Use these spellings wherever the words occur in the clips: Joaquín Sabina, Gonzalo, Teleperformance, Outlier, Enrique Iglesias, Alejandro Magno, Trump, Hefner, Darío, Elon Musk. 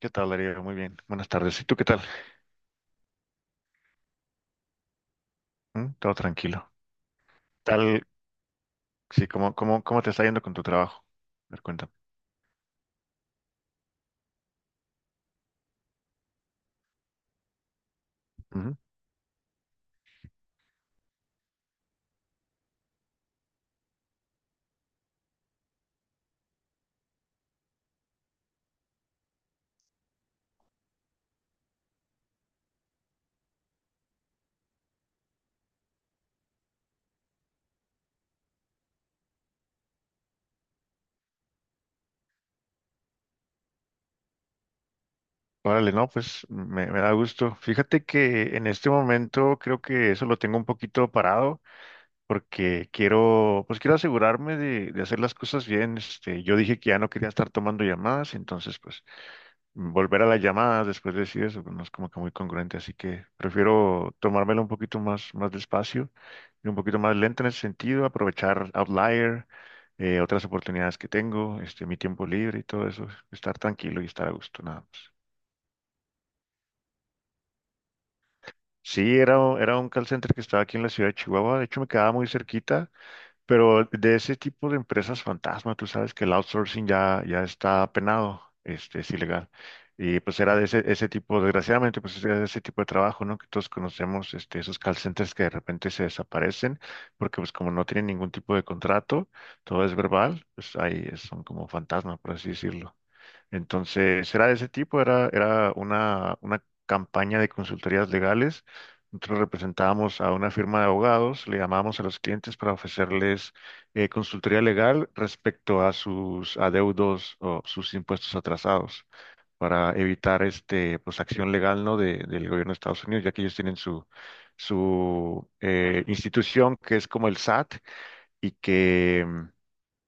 ¿Qué tal, Darío? Muy bien. Buenas tardes. ¿Y tú qué tal? ¿Mm? ¿Todo tranquilo? Tal, sí, ¿cómo te está yendo con tu trabajo? A ver, cuéntame. Ujú. Órale, no, pues me da gusto. Fíjate que en este momento creo que eso lo tengo un poquito parado porque quiero, pues quiero asegurarme de hacer las cosas bien. Yo dije que ya no quería estar tomando llamadas, entonces pues volver a las llamadas después de decir eso, pues, no es como que muy congruente, así que prefiero tomármelo un poquito más, más despacio y un poquito más lento en ese sentido, aprovechar Outlier, otras oportunidades que tengo, mi tiempo libre y todo eso, estar tranquilo y estar a gusto, nada más. Sí, era un call center que estaba aquí en la ciudad de Chihuahua, de hecho me quedaba muy cerquita. Pero de ese tipo de empresas fantasma, tú sabes que el outsourcing ya está penado, es ilegal. Y pues era de ese tipo, desgraciadamente, pues era de ese tipo de trabajo, ¿no? Que todos conocemos, esos call centers que de repente se desaparecen, porque pues como no tienen ningún tipo de contrato, todo es verbal, pues ahí son como fantasma, por así decirlo. Entonces, era de ese tipo, era una campaña de consultorías legales. Nosotros representábamos a una firma de abogados, le llamábamos a los clientes para ofrecerles consultoría legal respecto a sus adeudos o sus impuestos atrasados, para evitar pues, acción legal, ¿no? Del gobierno de Estados Unidos, ya que ellos tienen su, su institución que es como el SAT y que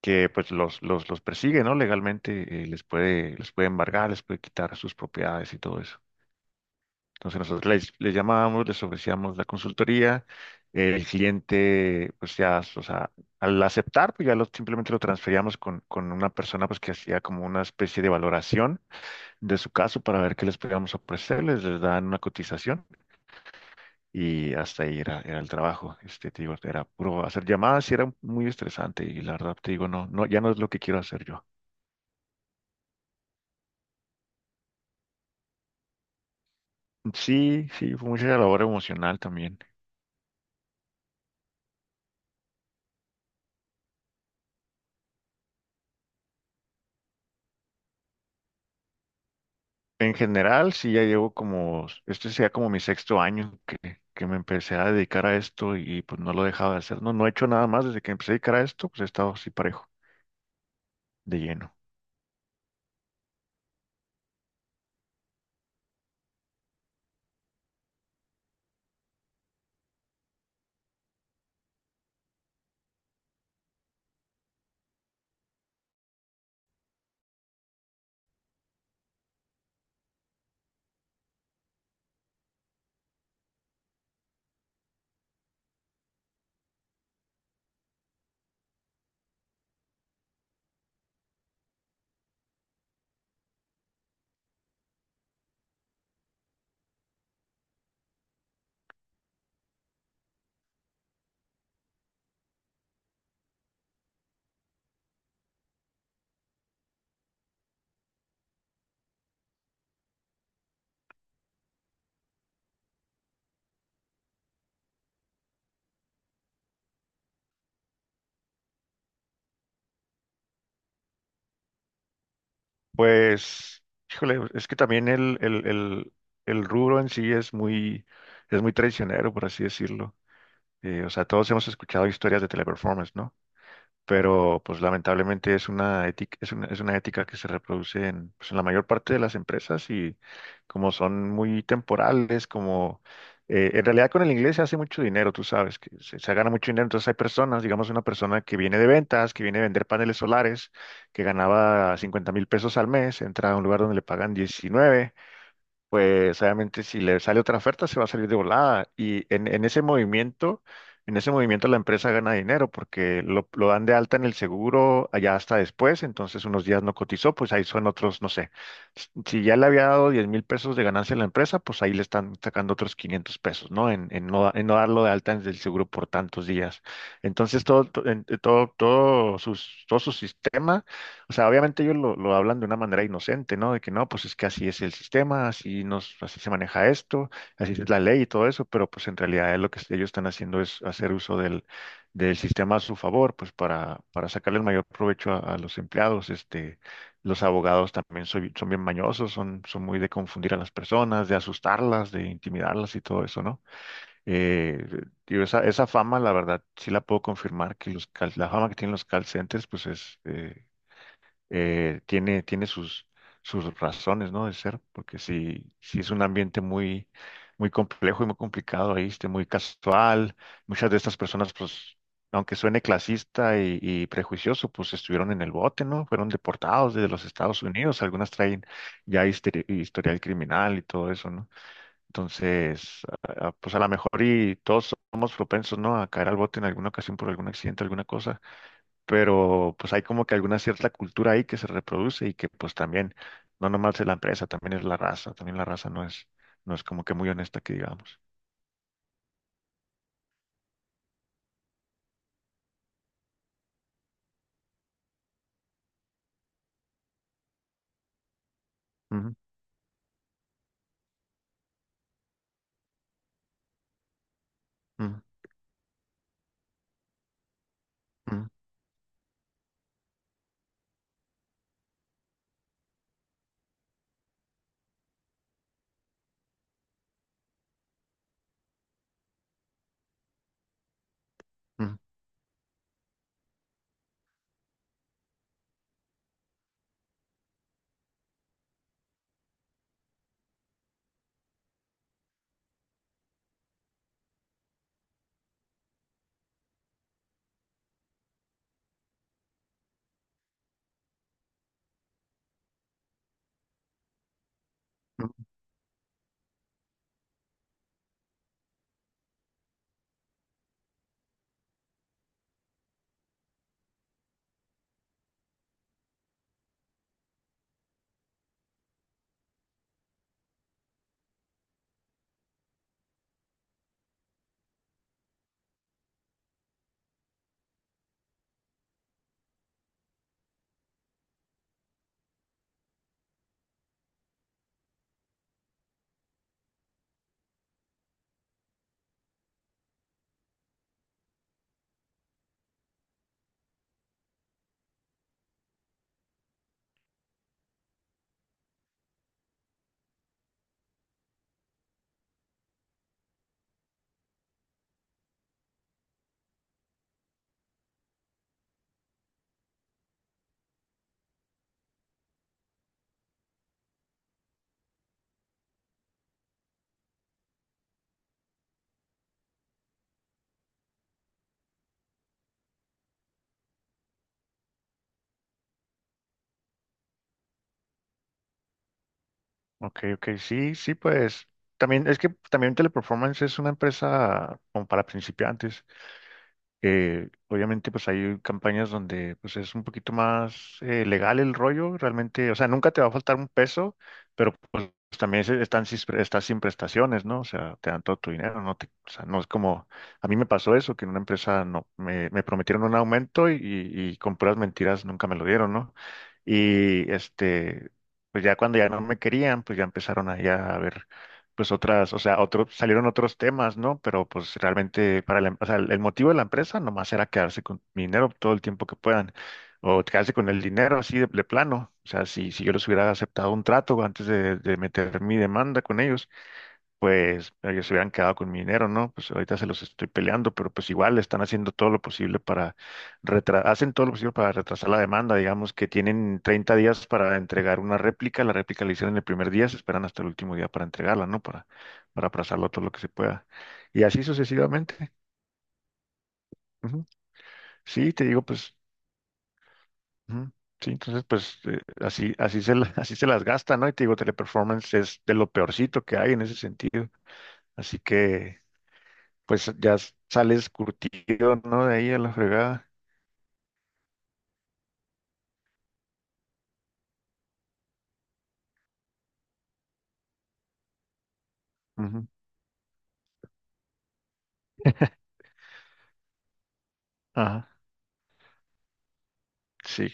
que pues los persigue, ¿no? Legalmente les puede embargar, les puede quitar sus propiedades y todo eso. Entonces nosotros les, les llamábamos, les ofrecíamos la consultoría, el cliente pues ya, o sea, al aceptar pues ya lo, simplemente lo transferíamos con una persona pues que hacía como una especie de valoración de su caso para ver qué les podíamos ofrecer, les dan una cotización. Y hasta ahí era, era el trabajo, te digo, era puro hacer llamadas y era muy estresante y la verdad te digo, no, no, ya no es lo que quiero hacer yo. Sí, sí, fue mucha labor emocional también. En general, sí, ya llevo como, este sea como mi sexto año que me empecé a dedicar a esto y pues no lo he dejado de hacer. No, no he hecho nada más desde que empecé a dedicar a esto, pues he estado así parejo, de lleno. Pues, híjole, es que también el rubro en sí es muy traicionero, por así decirlo. O sea, todos hemos escuchado historias de Teleperformance, ¿no? Pero pues lamentablemente es una ética, es una ética que se reproduce en, pues, en la mayor parte de las empresas y como son muy temporales, como en realidad con el inglés se hace mucho dinero, tú sabes, se gana mucho dinero, entonces hay personas, digamos una persona que viene de ventas, que viene a vender paneles solares, que ganaba 50,000 pesos al mes, entra a un lugar donde le pagan 19, pues obviamente si le sale otra oferta se va a salir de volada. Y en ese movimiento la empresa gana dinero porque lo dan de alta en el seguro allá hasta después, entonces unos días no cotizó, pues ahí son otros, no sé. Si ya le había dado 10,000 pesos de ganancia a la empresa, pues ahí le están sacando otros 500 pesos, ¿no? En no darlo de alta en el seguro por tantos días. Entonces todo sus, todo su sistema. O sea, obviamente ellos lo hablan de una manera inocente, ¿no? De que no, pues es que así es el sistema, así nos, así se maneja esto, así es la ley y todo eso, pero pues en realidad es lo que ellos están haciendo es hacer uso del, del sistema a su favor, pues para sacarle el mayor provecho a los empleados. Los abogados también son bien mañosos, son, son muy de confundir a las personas, de asustarlas, de intimidarlas y todo eso, ¿no? Eh, Digo, esa fama, la verdad, sí la puedo confirmar, que los, la fama que tienen los call centers, pues es... tiene, tiene sus, sus razones, ¿no? De ser, porque si, si es un ambiente muy, muy complejo y muy complicado ahí, muy casual, muchas de estas personas, pues, aunque suene clasista y prejuicioso, pues estuvieron en el bote, ¿no? Fueron deportados desde los Estados Unidos, algunas traen ya historial criminal y todo eso, ¿no? Entonces, ah, pues a lo mejor y todos somos propensos, ¿no? A caer al bote en alguna ocasión por algún accidente, alguna cosa, pero pues hay como que alguna cierta cultura ahí que se reproduce y que pues también, no nomás es la empresa, también es la raza, también la raza no es, no es como que muy honesta que digamos. Ujú, ujú, ujú, ujú, ujú. Ok, ok, sí, sí, pues también es que también Teleperformance es una empresa como para principiantes. Obviamente, pues hay campañas donde pues es un poquito más legal el rollo, realmente, o sea, nunca te va a faltar un peso, pero pues también están sin, estás sin prestaciones, ¿no? O sea, te dan todo tu dinero, no te, o sea, no es como, a mí me pasó eso, que en una empresa no, me prometieron un aumento y con puras mentiras nunca me lo dieron, ¿no? Y pues ya cuando ya no me querían, pues ya empezaron ahí a ver, pues otras, o sea, otros, salieron otros temas, ¿no? Pero pues realmente para la, o sea, el motivo de la empresa nomás era quedarse con mi dinero todo el tiempo que puedan, o quedarse con el dinero así de plano. O sea, si yo les hubiera aceptado un trato antes de meter mi demanda con ellos, pues ellos se hubieran quedado con mi dinero, ¿no? Pues ahorita se los estoy peleando, pero pues igual están haciendo todo lo posible para retrasar, hacen todo lo posible para retrasar la demanda, digamos que tienen 30 días para entregar una réplica la hicieron el primer día, se esperan hasta el último día para entregarla, ¿no? Para aplazarlo todo lo que se pueda. Y así sucesivamente. Ujú. Sí, te digo, pues, ujú. Sí, entonces pues así, así se, así se las gasta, ¿no? Y te digo, Teleperformance es de lo peorcito que hay en ese sentido. Así que pues ya sales curtido, ¿no? De ahí a la fregada. Ujú. Ajá. Sí,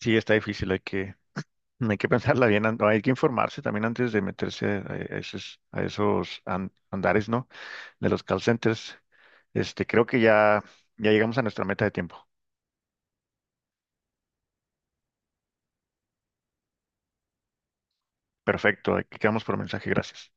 sí, está difícil, hay que pensarla bien, hay que informarse también antes de meterse a esos andares, ¿no? De los call centers. Creo que ya llegamos a nuestra meta de tiempo. Perfecto, aquí quedamos por mensaje, gracias.